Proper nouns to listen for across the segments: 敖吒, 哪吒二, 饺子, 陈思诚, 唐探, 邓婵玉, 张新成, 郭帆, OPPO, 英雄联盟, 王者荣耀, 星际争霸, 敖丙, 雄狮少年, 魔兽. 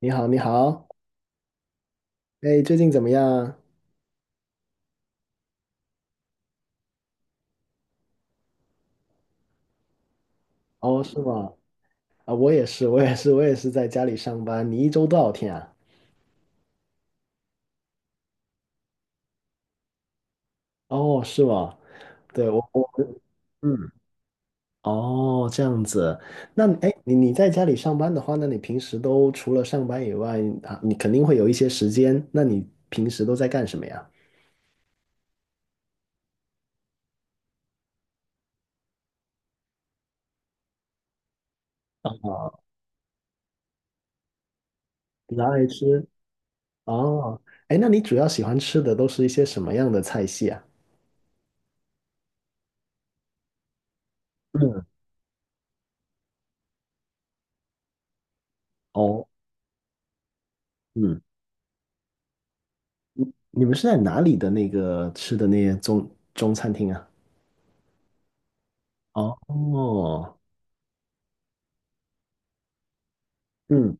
你好，你好，哎，最近怎么样？哦，是吗？啊，我也是，我也是，我也是在家里上班。你一周多少天啊？哦，是吗？对，我嗯，哦，这样子。那哎，你在家里上班的话，那你平时都除了上班以外啊，你肯定会有一些时间。那你平时都在干什么呀？啊，拿来吃。哦，哎，那你主要喜欢吃的都是一些什么样的菜系啊？嗯，哦，嗯。你们是在哪里的那个吃的那些中中餐厅啊？哦，嗯，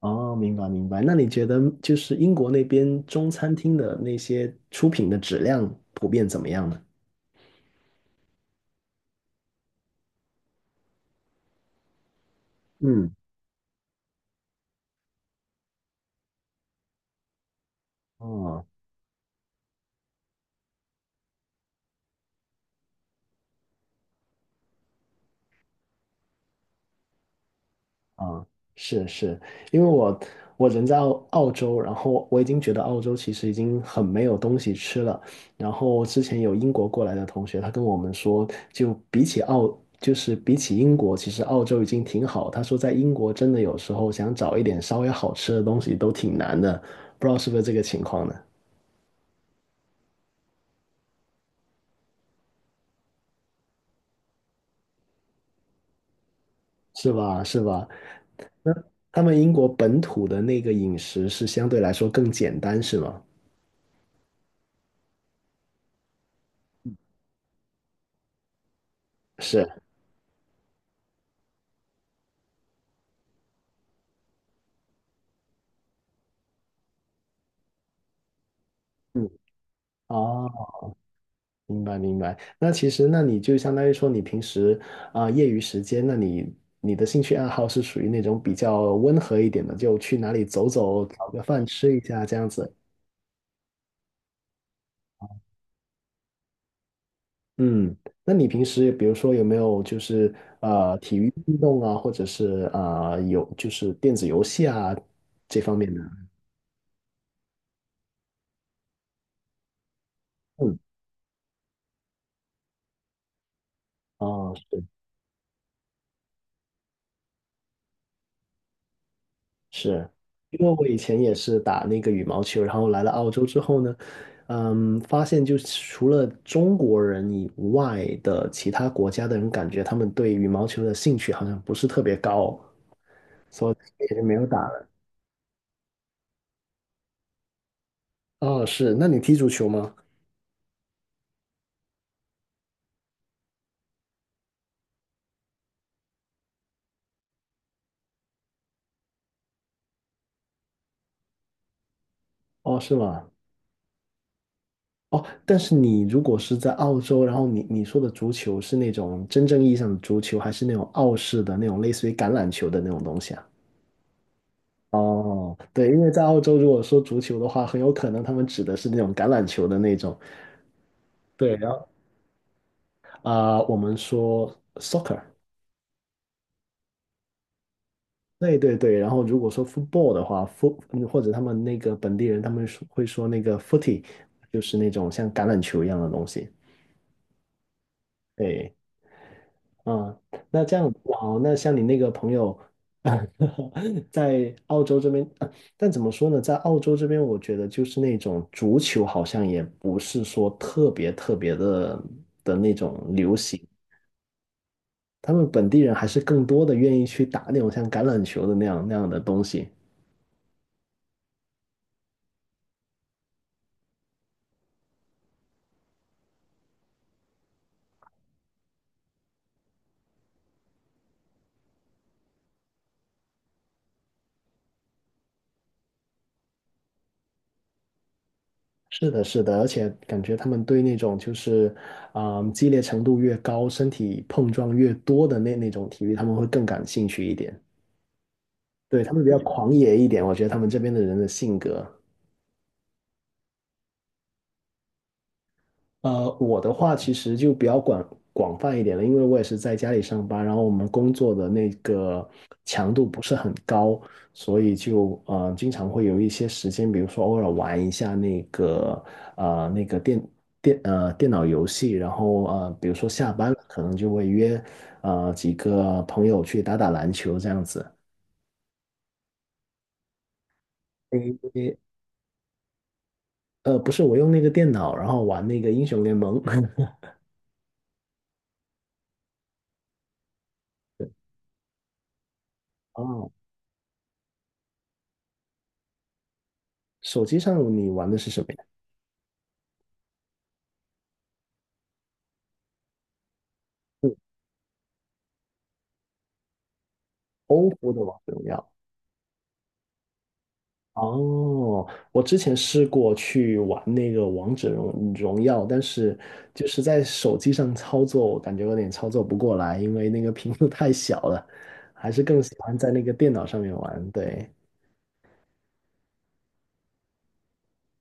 哦，明白明白。那你觉得就是英国那边中餐厅的那些出品的质量普遍怎么样呢？嗯，哦。啊，是是，因为我人在澳洲，然后我已经觉得澳洲其实已经很没有东西吃了。然后之前有英国过来的同学，他跟我们说，就比起澳，就是比起英国，其实澳洲已经挺好。他说在英国真的有时候想找一点稍微好吃的东西都挺难的，不知道是不是这个情况呢？是吧？是吧？那他们英国本土的那个饮食是相对来说更简单，是吗？是，嗯，啊。明白明白。那其实，那你就相当于说，你平时业余时间，那你的兴趣爱好是属于那种比较温和一点的，就去哪里走走，找个饭吃一下这样子。嗯，那你平时比如说有没有就是体育运动啊，或者是有就是电子游戏啊这方面的？嗯，啊是。是，因为我以前也是打那个羽毛球，然后来了澳洲之后呢，嗯，发现就是除了中国人以外的其他国家的人，感觉他们对羽毛球的兴趣好像不是特别高，所以也就没有打了。哦，是，那你踢足球吗？哦，是吗？哦，但是你如果是在澳洲，然后你说的足球是那种真正意义上的足球，还是那种澳式的那种类似于橄榄球的那种东西啊？哦，对，因为在澳洲，如果说足球的话，很有可能他们指的是那种橄榄球的那种。对，然后我们说 soccer，对对对。然后如果说 football 的话，或者他们那个本地人，他们说会说那个 footy，就是那种像橄榄球一样的东西。对，啊，那这样好，那像你那个朋友，在澳洲这边，但怎么说呢，在澳洲这边，我觉得就是那种足球好像也不是说特别特别的那种流行，他们本地人还是更多的愿意去打那种像橄榄球的那样的东西。是的，是的，而且感觉他们对那种就是，激烈程度越高，身体碰撞越多的那种体育，他们会更感兴趣一点。对，他们比较狂野一点，我觉得他们这边的人的性格。我的话其实就比较广泛一点了，因为我也是在家里上班，然后我们工作的那个强度不是很高，所以就经常会有一些时间，比如说偶尔玩一下那个电脑游戏，然后比如说下班了，可能就会约几个朋友去打打篮球这样子。诶，不是，我用那个电脑，然后玩那个英雄联盟。哦，手机上你玩的是什么呀？是 OPPO 的王者荣耀。哦，我之前试过去玩那个王者荣耀，但是就是在手机上操作，我感觉有点操作不过来，因为那个屏幕太小了，还是更喜欢在那个电脑上面玩。对，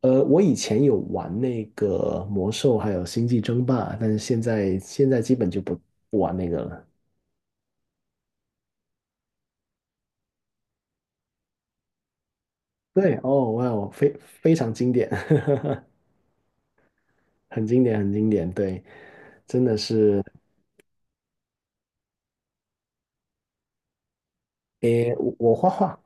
我以前有玩那个魔兽，还有星际争霸，但是现在基本就不玩那个了。对，哦，哇哦，我非常经典。很经典，很经典，对，真的是，诶，我画画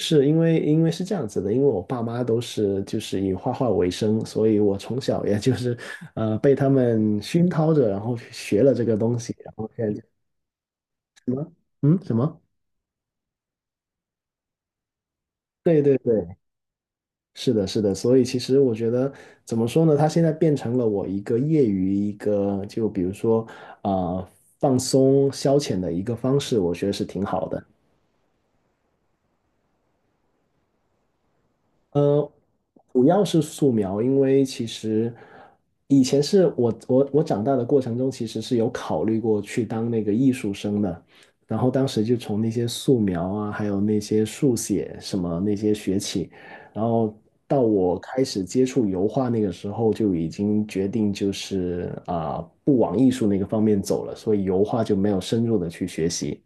是因为是这样子的，因为我爸妈都是就是以画画为生，所以我从小也就是被他们熏陶着，然后学了这个东西，然后现在就什么什么。对对对，是的，是的，所以其实我觉得怎么说呢？它现在变成了我一个业余一个，就比如说啊、呃放松消遣的一个方式，我觉得是挺好的。呃，主要是素描，因为其实以前是我长大的过程中，其实是有考虑过去当那个艺术生的，然后当时就从那些素描啊，还有那些速写什么那些学起，然后到我开始接触油画那个时候，就已经决定就是不往艺术那个方面走了，所以油画就没有深入的去学习。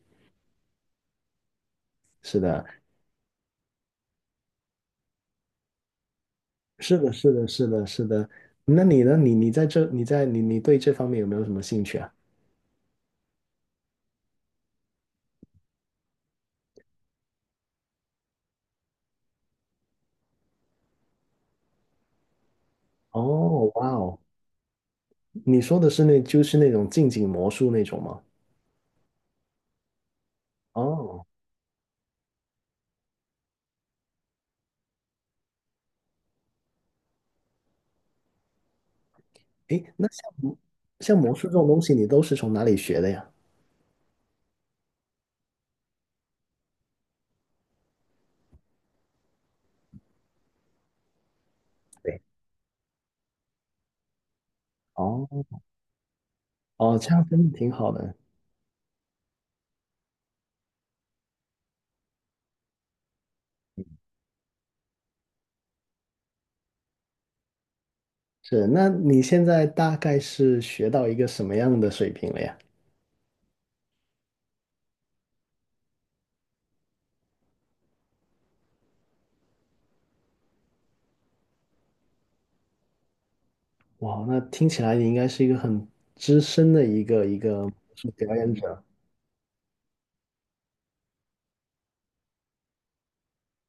是的，是的，是的，是的。那你呢？你在这，你在你你对这方面有没有什么兴趣啊？哦，哇哦，你说的是那就是那种近景魔术那种吗？哦，诶，那像魔术这种东西，你都是从哪里学的呀？对，哦哦，这样真的挺好的。是，那你现在大概是学到一个什么样的水平了呀？哇，那听起来你应该是一个很资深的一个魔术表演者。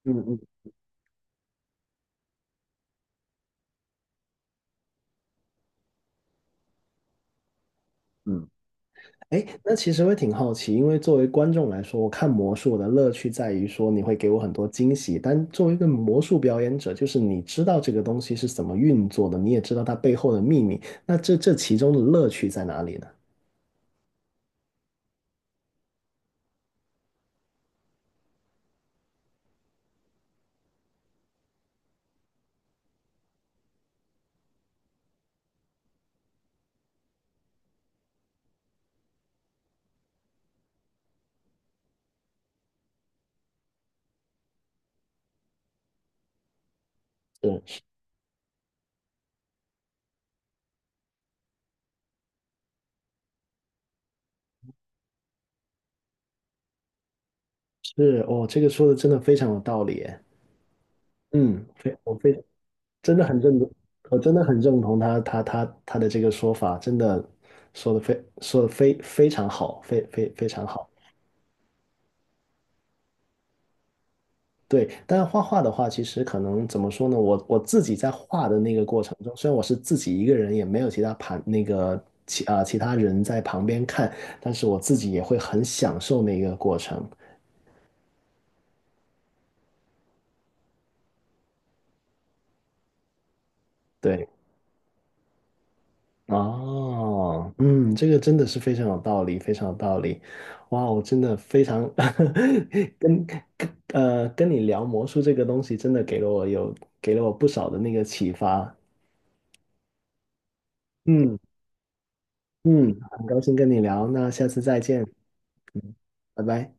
嗯嗯嗯。哎，那其实会挺好奇，因为作为观众来说，我看魔术我的乐趣在于说你会给我很多惊喜，但作为一个魔术表演者，就是你知道这个东西是怎么运作的，你也知道它背后的秘密，那这其中的乐趣在哪里呢？是是，哦，这个说的真的非常有道理耶，嗯，非我非真的很认同，我真的很认同他的这个说法，真的说的非常好，非常好。对，但是画画的话，其实可能怎么说呢？我自己在画的那个过程中，虽然我是自己一个人，也没有其他旁那个其啊、其他人在旁边看，但是我自己也会很享受那个过程。对，哦，嗯，这个真的是非常有道理，非常有道理。哇哦，我真的非常 跟跟跟你聊魔术这个东西，真的给了我不少的那个启发。嗯。嗯，很高兴跟你聊，那下次再见，嗯，拜拜。